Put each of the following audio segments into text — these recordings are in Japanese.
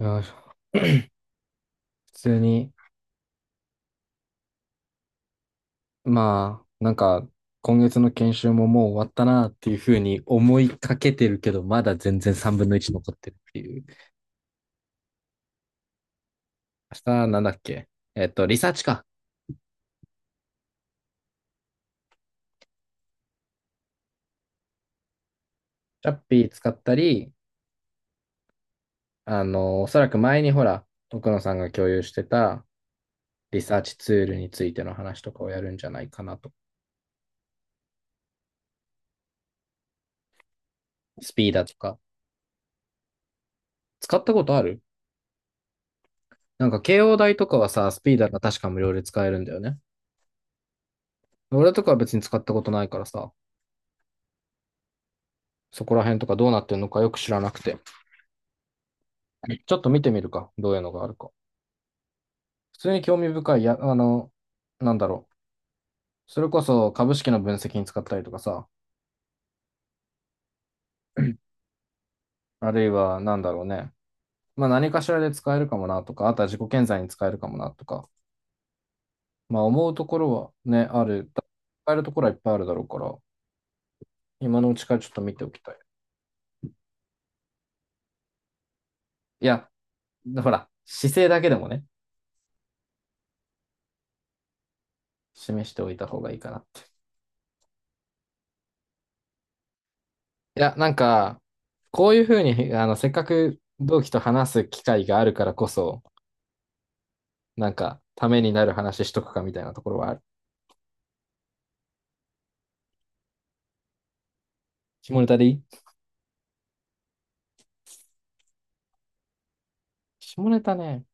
いや 普通に、まあ、なんか、今月の研修ももう終わったなっていうふうに思いかけてるけど、まだ全然3分の1残ってるっていう。明日、なんだっけ。リサーチか。チャッピー使ったり、おそらく前にほら、奥野さんが共有してたリサーチツールについての話とかをやるんじゃないかなと。スピーダとか。使ったことある。なんか、慶応大とかはさ、スピーダが確か無料で使えるんだよね。俺とかは別に使ったことないからさ。そこら辺とかどうなってるのかよく知らなくて。ちょっと見てみるか。どういうのがあるか。普通に興味深い。や、なんだろう。それこそ株式の分析に使ったりとかさ。あるいは、なんだろうね。まあ何かしらで使えるかもなとか、あとは自己顕在に使えるかもなとか。まあ思うところはね、ある。使えるところはいっぱいあるだろうから、今のうちからちょっと見ておきたい。いや、ほら、姿勢だけでもね、示しておいた方がいいかな。いや、なんか、こういうふうに、せっかく同期と話す機会があるからこそ、なんか、ためになる話しとくかみたいなところはある。下ネタでいい。下ネタね、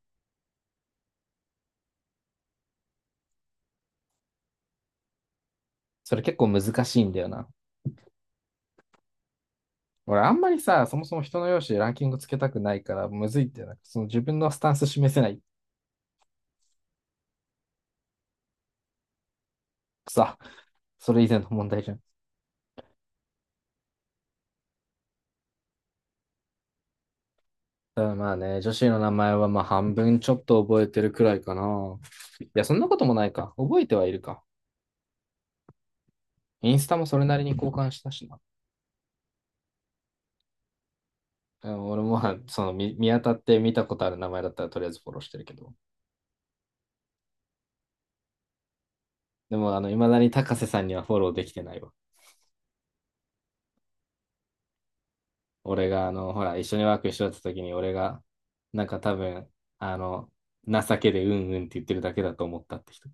それ結構難しいんだよな。俺、あんまりさ、そもそも人の容姿でランキングつけたくないから、むずいってな、その自分のスタンス示せない。くさ、それ以前の問題じゃん。ただまあね、女子の名前はまあ半分ちょっと覚えてるくらいかな。いや、そんなこともないか。覚えてはいるか。インスタもそれなりに交換したしな。俺もまあその見当たって見たことある名前だったらとりあえずフォローしてるけど。でも、未だに高瀬さんにはフォローできてないわ。俺が、ほら、一緒にワーク一緒だった時に、俺が、なんか多分、あの、情けでうんうんって言ってるだけだと思ったって人。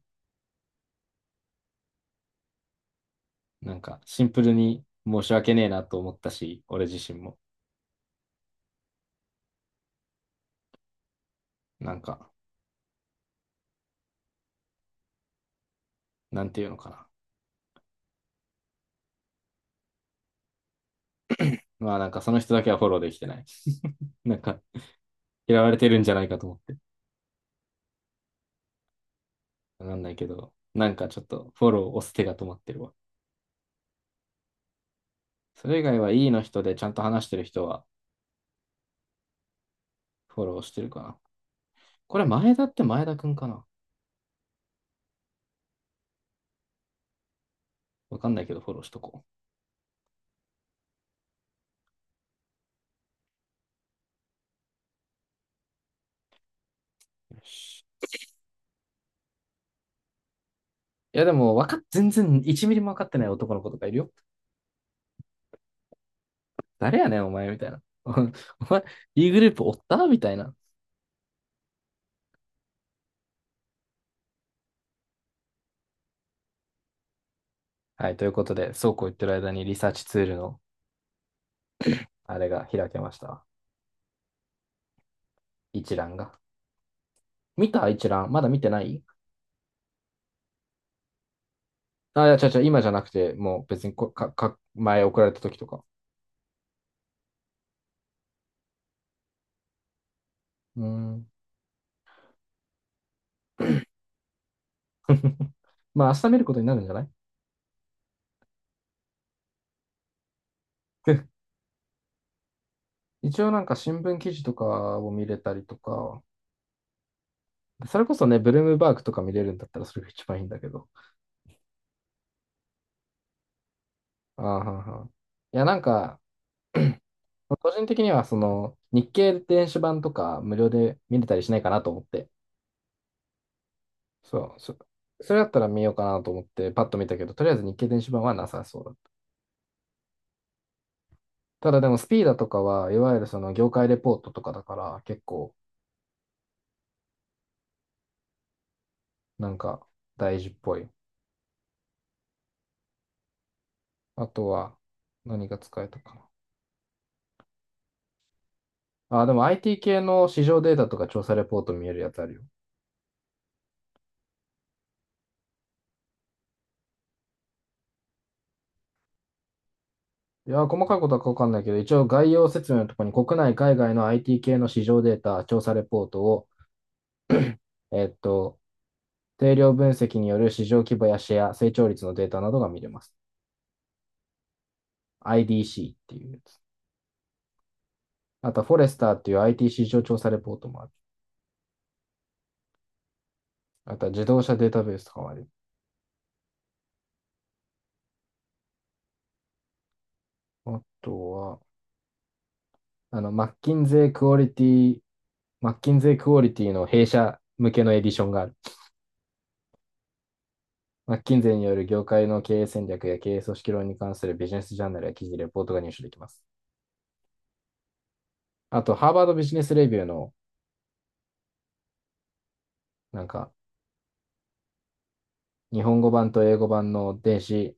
なんか、シンプルに申し訳ねえなと思ったし、俺自身も。なんか、なんていうのかな。まあなんか、その人だけはフォローできてない。なんか、嫌われてるんじゃないかと思って。わかんないけど、なんかちょっとフォロー押す手が止まってるわ。それ以外は E の人でちゃんと話してる人はフォローしてるかな。これ前田って前田くんかな。わかんないけどフォローしとこう。よし。いやでもわかっ、全然1ミリも分かってない男の子とかいるよ。誰やねんお前みたいな。お前、E グループおったみたいな。はい、ということで、そうこう言ってる間にリサーチツールのあれが開けました。一覧が。見た一覧。まだ見てない。あ、いや、違うちゃ今じゃなくて、もう別にこかか前送られた時とか。うーん。まあ明日見ることになるんじゃない。一応なんか新聞記事とかを見れたりとか、それこそね、ブルームバーグとか見れるんだったらそれが一番いいんだけど。あーはんはん、いや、なんか、個人的にはその日経電子版とか無料で見れたりしないかなと思って、そう、それだったら見ようかなと思ってパッと見たけど、とりあえず日経電子版はなさそうだった。ただでもスピーダとかはいわゆるその業界レポートとかだから結構なんか大事っぽい。あとは何が使えたかな。あ、でも IT 系の市場データとか調査レポート見えるやつあるよ。いや、細かいことはわかんないけど、一応概要説明のところに国内、海外の IT 系の市場データ、調査レポートを、えっと、定量分析による市場規模やシェア、成長率のデータなどが見れます。IDC っていうやつ。あと、フォレスターっていう IT 市場調査レポートもある。あとは自動車データベースとかもある。あとは、マッキンゼークオリティ、マッキンゼークオリティの弊社向けのエディションがある。マッキンゼーによる業界の経営戦略や経営組織論に関するビジネスジャーナルや記事、レポートが入手できます。あと、ハーバードビジネスレビューの、なんか、日本語版と英語版の電子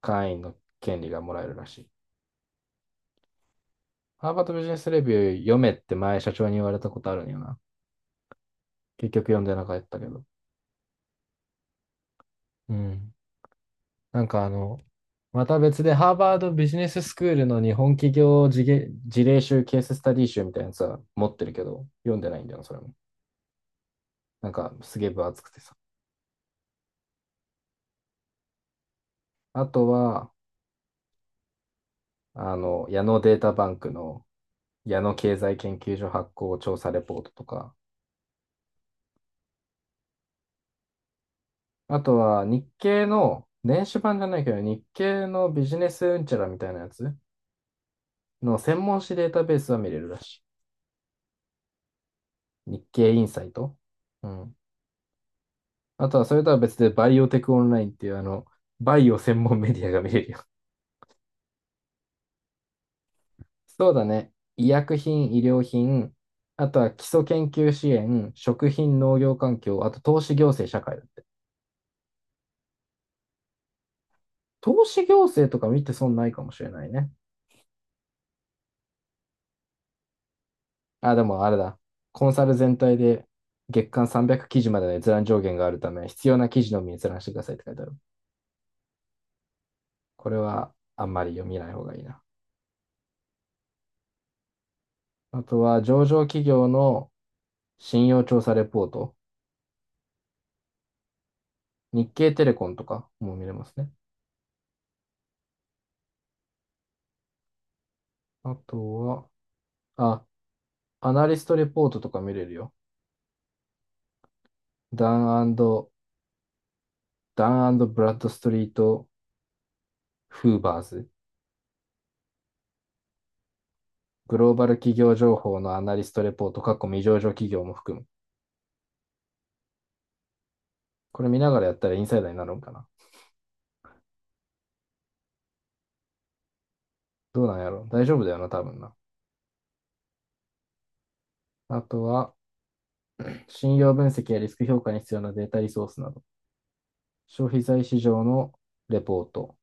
会員の権利がもらえるらしい。ハーバードビジネスレビュー読めって前社長に言われたことあるんよな。結局読んでなかったけど。うん。なんかあの、また別でハーバードビジネススクールの日本企業事例事例集、ケーススタディ集みたいなやつは持ってるけど、読んでないんだよな、それも。なんか、すげえ分厚くてさ。あとは、矢野データバンクの矢野経済研究所発行調査レポートとか、あとは日経の、電子版じゃないけど、日経のビジネスうんちゃらみたいなやつの専門誌データベースは見れるらしい。日経インサイト。うん。あとはそれとは別でバイオテクオンラインっていうバイオ専門メディアが見れるよ。そうだね。医薬品、医療品、あとは基礎研究支援、食品、農業環境、あと投資行政社会だって。投資行政とか見て損ないかもしれないね。あ、でもあれだ。コンサル全体で月間300記事までの閲覧上限があるため、必要な記事のみ閲覧してくださいって書いてある。これはあんまり読みない方がいいな。あとは上場企業の信用調査レポート。日経テレコンとかも見れますね。あとは、あ、アナリストレポートとか見れるよ。ダンダンブラッドストリート・フーバーズ。グローバル企業情報のアナリストレポート、未上場企業も含む。これ見ながらやったらインサイダーになるんかな。どうなんやろ大丈夫だよな、多分な。あとは、信用分析やリスク評価に必要なデータリソースなど、消費財市場のレポート。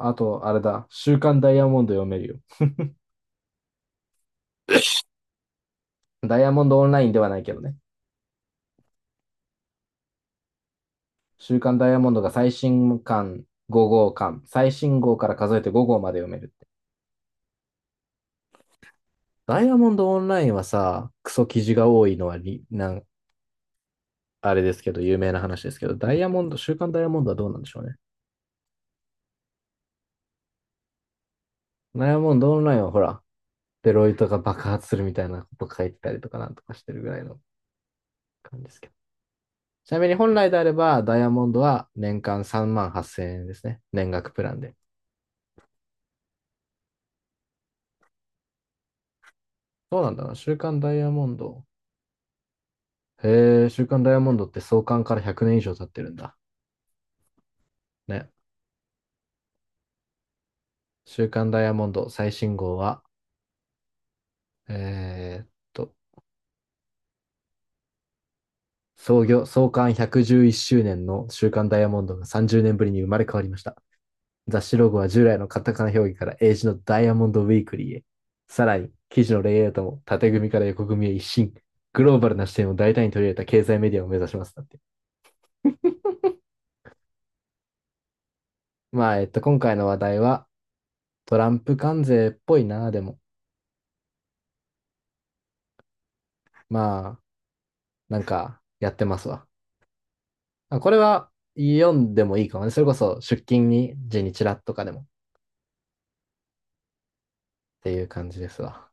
あと、あれだ、週刊ダイヤモンド読めるよ。ダイヤモンドオンラインではないけどね。週刊ダイヤモンドが最新刊5号刊、最新号から数えて5号まで読めるって。ダイヤモンドオンラインはさ、クソ記事が多いのはりなん、あれですけど、有名な話ですけど、ダイヤモンド、週刊ダイヤモンドはどうなんでしょうね。ダイヤモンドオンラインはほら、デロイトが爆発するみたいなこと書いてたりとかなんとかしてるぐらいの感じですけど。ちなみに本来であれば、ダイヤモンドは年間3万8000円ですね。年額プランで。そうなんだな。週刊ダイヤモンド。へえ、週刊ダイヤモンドって創刊から100年以上経ってるんだ。ね。週刊ダイヤモンド最新号は、えーっと、創業、創刊111周年の週刊ダイヤモンドが30年ぶりに生まれ変わりました。雑誌ロゴは従来のカタカナ表記から英字のダイヤモンドウィークリーへ。さらに、記事のレイアウトも縦組みから横組みへ一新。グローバルな視点を大胆に取り入れた経済メディアを目指します。だって。まあ、今回の話題はトランプ関税っぽいな、でも。まあ、なんか、やってますわ。これは読んでもいいかもね。それこそ出勤に時にチラッとかでもっていう感じですわ。